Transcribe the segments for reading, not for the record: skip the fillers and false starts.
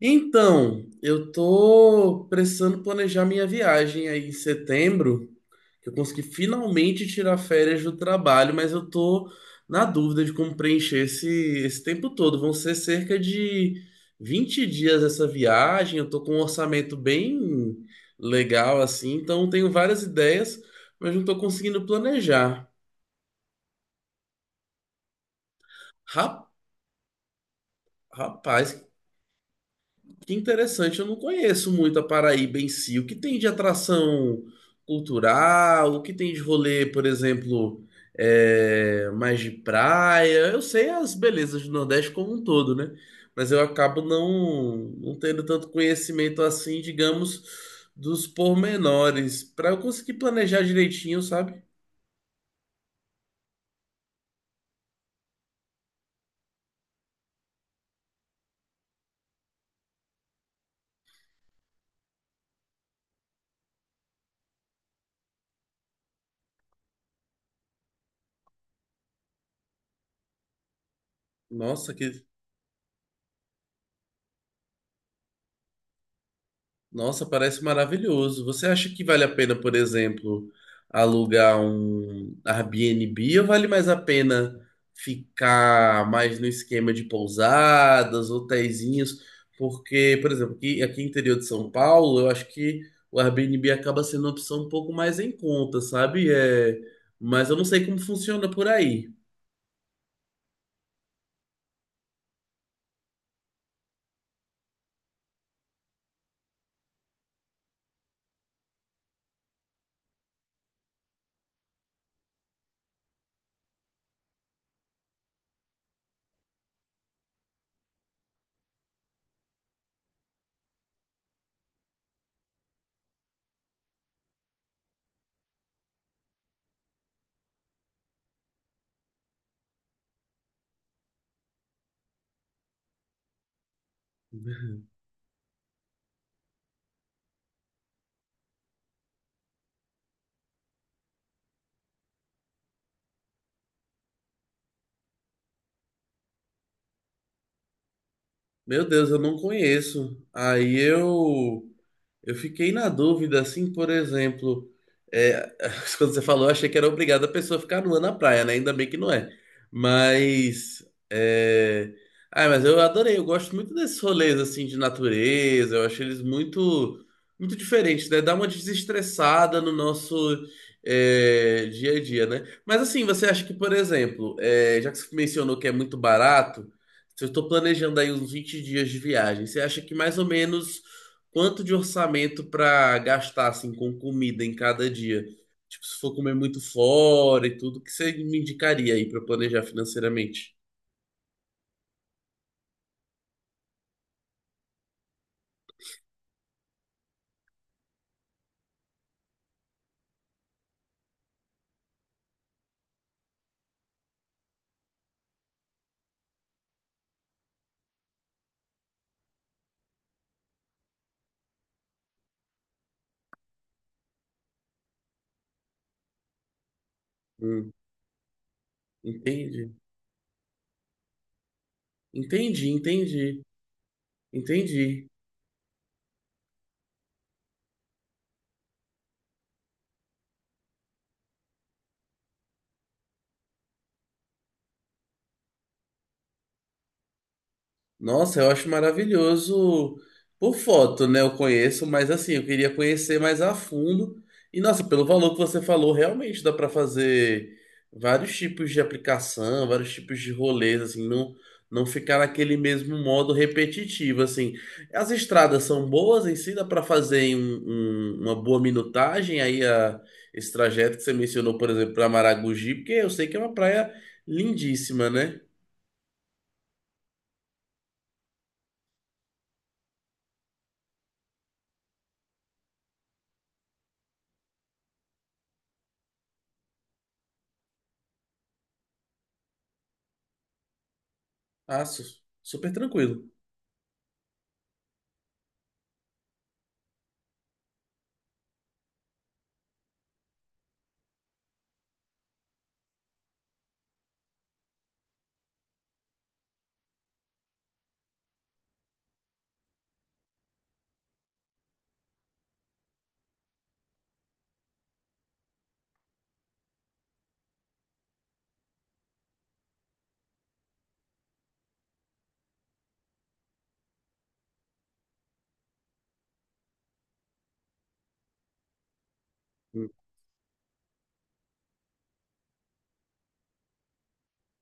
Então, eu tô precisando planejar minha viagem aí em setembro, que eu consegui finalmente tirar férias do trabalho, mas eu tô na dúvida de como preencher esse tempo todo. Vão ser cerca de 20 dias essa viagem, eu tô com um orçamento bem legal assim, então tenho várias ideias, mas não tô conseguindo planejar. Ra- Rapaz. Que interessante, eu não conheço muito a Paraíba em si. O que tem de atração cultural? O que tem de rolê, por exemplo, mais de praia? Eu sei as belezas do Nordeste como um todo, né? Mas eu acabo não tendo tanto conhecimento assim, digamos, dos pormenores, para eu conseguir planejar direitinho, sabe? Nossa, que... Nossa, parece maravilhoso. Você acha que vale a pena, por exemplo, alugar um Airbnb ou vale mais a pena ficar mais no esquema de pousadas, hotéisinhos? Porque, por exemplo, aqui no interior de São Paulo, eu acho que o Airbnb acaba sendo uma opção um pouco mais em conta, sabe? Mas eu não sei como funciona por aí. Meu Deus, eu não conheço. Aí eu. Eu fiquei na dúvida, assim, por exemplo, é, quando você falou, eu achei que era obrigado a pessoa ficar nua na praia, né? Ainda bem que não é. Mas, é... Ah, mas eu adorei, eu gosto muito desses rolês, assim, de natureza, eu acho eles muito diferentes, né? Dá uma desestressada no nosso dia a dia, né? Mas, assim, você acha que, por exemplo, já que você mencionou que é muito barato, se eu estou planejando aí uns 20 dias de viagem, você acha que mais ou menos quanto de orçamento para gastar assim com comida em cada dia? Tipo, se for comer muito fora e tudo, o que você me indicaria aí para planejar financeiramente? Hum, entendi. Entendi, entendi. Entendi. Nossa, eu acho maravilhoso por foto, né? Eu conheço, mas assim, eu queria conhecer mais a fundo. E nossa, pelo valor que você falou, realmente dá para fazer vários tipos de aplicação, vários tipos de rolês, assim, não ficar naquele mesmo modo repetitivo, assim. As estradas são boas em si, dá para fazer em uma boa minutagem esse trajeto que você mencionou, por exemplo, para Maragogi, porque eu sei que é uma praia lindíssima, né? Ah, super tranquilo.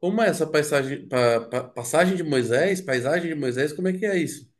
Como é essa paisagem, passagem de Moisés? Paisagem de Moisés, como é que é isso?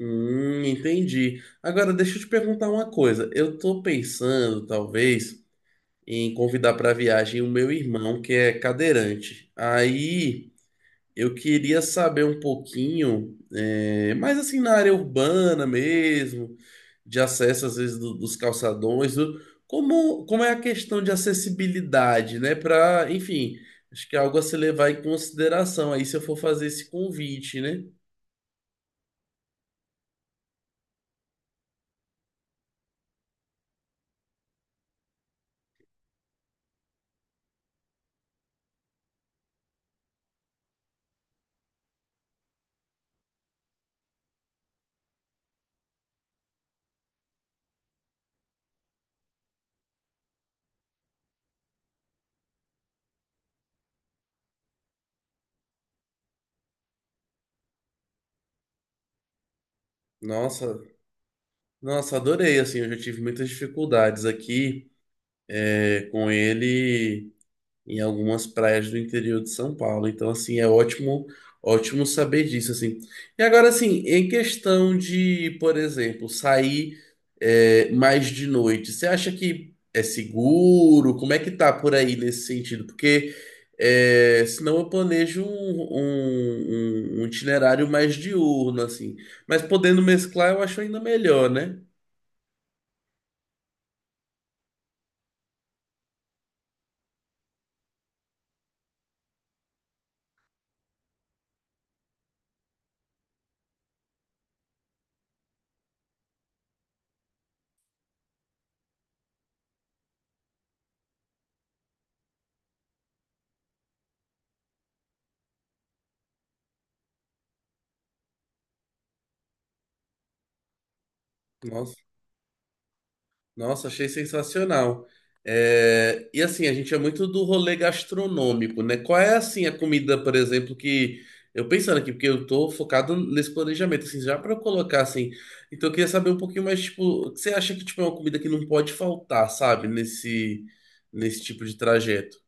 Entendi. Agora, deixa eu te perguntar uma coisa. Eu tô pensando, talvez, em convidar para viagem o meu irmão, que é cadeirante. Aí, eu queria saber um pouquinho, mais assim na área urbana mesmo, de acesso às vezes dos calçadões, como, como é a questão de acessibilidade, né? Para, enfim, acho que é algo a se levar em consideração aí se eu for fazer esse convite, né? Nossa, nossa, adorei, assim, eu já tive muitas dificuldades aqui, com ele em algumas praias do interior de São Paulo. Então, assim, é ótimo saber disso, assim. E agora, assim, em questão de, por exemplo, sair mais de noite, você acha que é seguro? Como é que tá por aí nesse sentido? Porque senão eu planejo um itinerário mais diurno, assim. Mas podendo mesclar, eu acho ainda melhor, né? Nossa. Nossa, achei sensacional. É, e assim, a gente é muito do rolê gastronômico, né? Qual é assim a comida, por exemplo, que eu pensando aqui, porque eu tô focado nesse planejamento, assim, já para eu colocar assim. Então eu queria saber um pouquinho mais, tipo, o que você acha que tipo é uma comida que não pode faltar, sabe, nesse tipo de trajeto?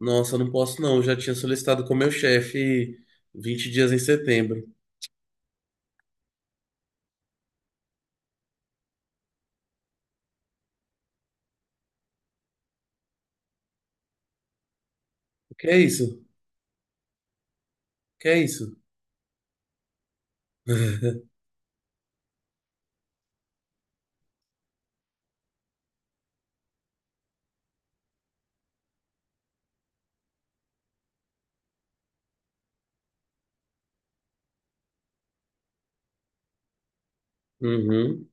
Nossa, não posso não, eu já tinha solicitado com meu chefe 20 dias em setembro. O que é isso? O que é isso? Uhum.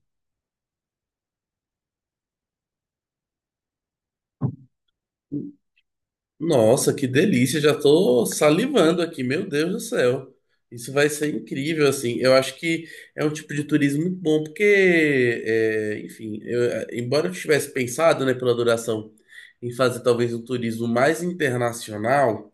Nossa, que delícia! Já tô salivando aqui, meu Deus do céu. Isso vai ser incrível, assim. Eu acho que é um tipo de turismo muito bom, porque, é, enfim, eu- embora eu tivesse pensado, né, pela duração, em fazer talvez um turismo mais internacional.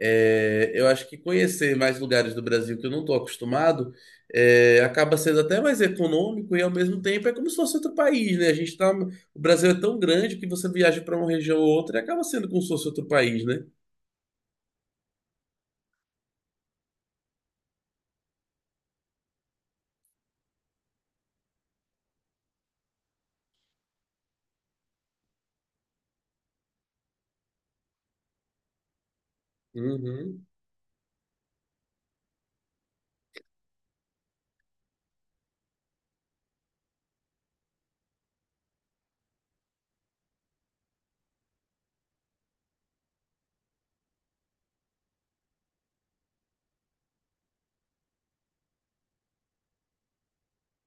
É, eu acho que conhecer mais lugares do Brasil que eu não estou acostumado acaba sendo até mais econômico e ao mesmo tempo é como se fosse outro país, né? A gente tá, o Brasil é tão grande que você viaja para uma região ou outra e acaba sendo como se fosse outro país, né? Uhum.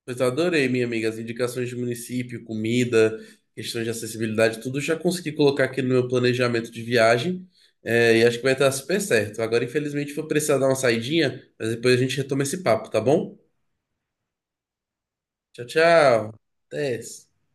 Pois eu adorei, minha amiga, as indicações de município, comida, questões de acessibilidade, tudo já consegui colocar aqui no meu planejamento de viagem e acho que vai estar super certo. Agora, infelizmente, vou precisar dar uma saidinha, mas depois a gente retoma esse papo, tá bom? Tchau, tchau. Até esse.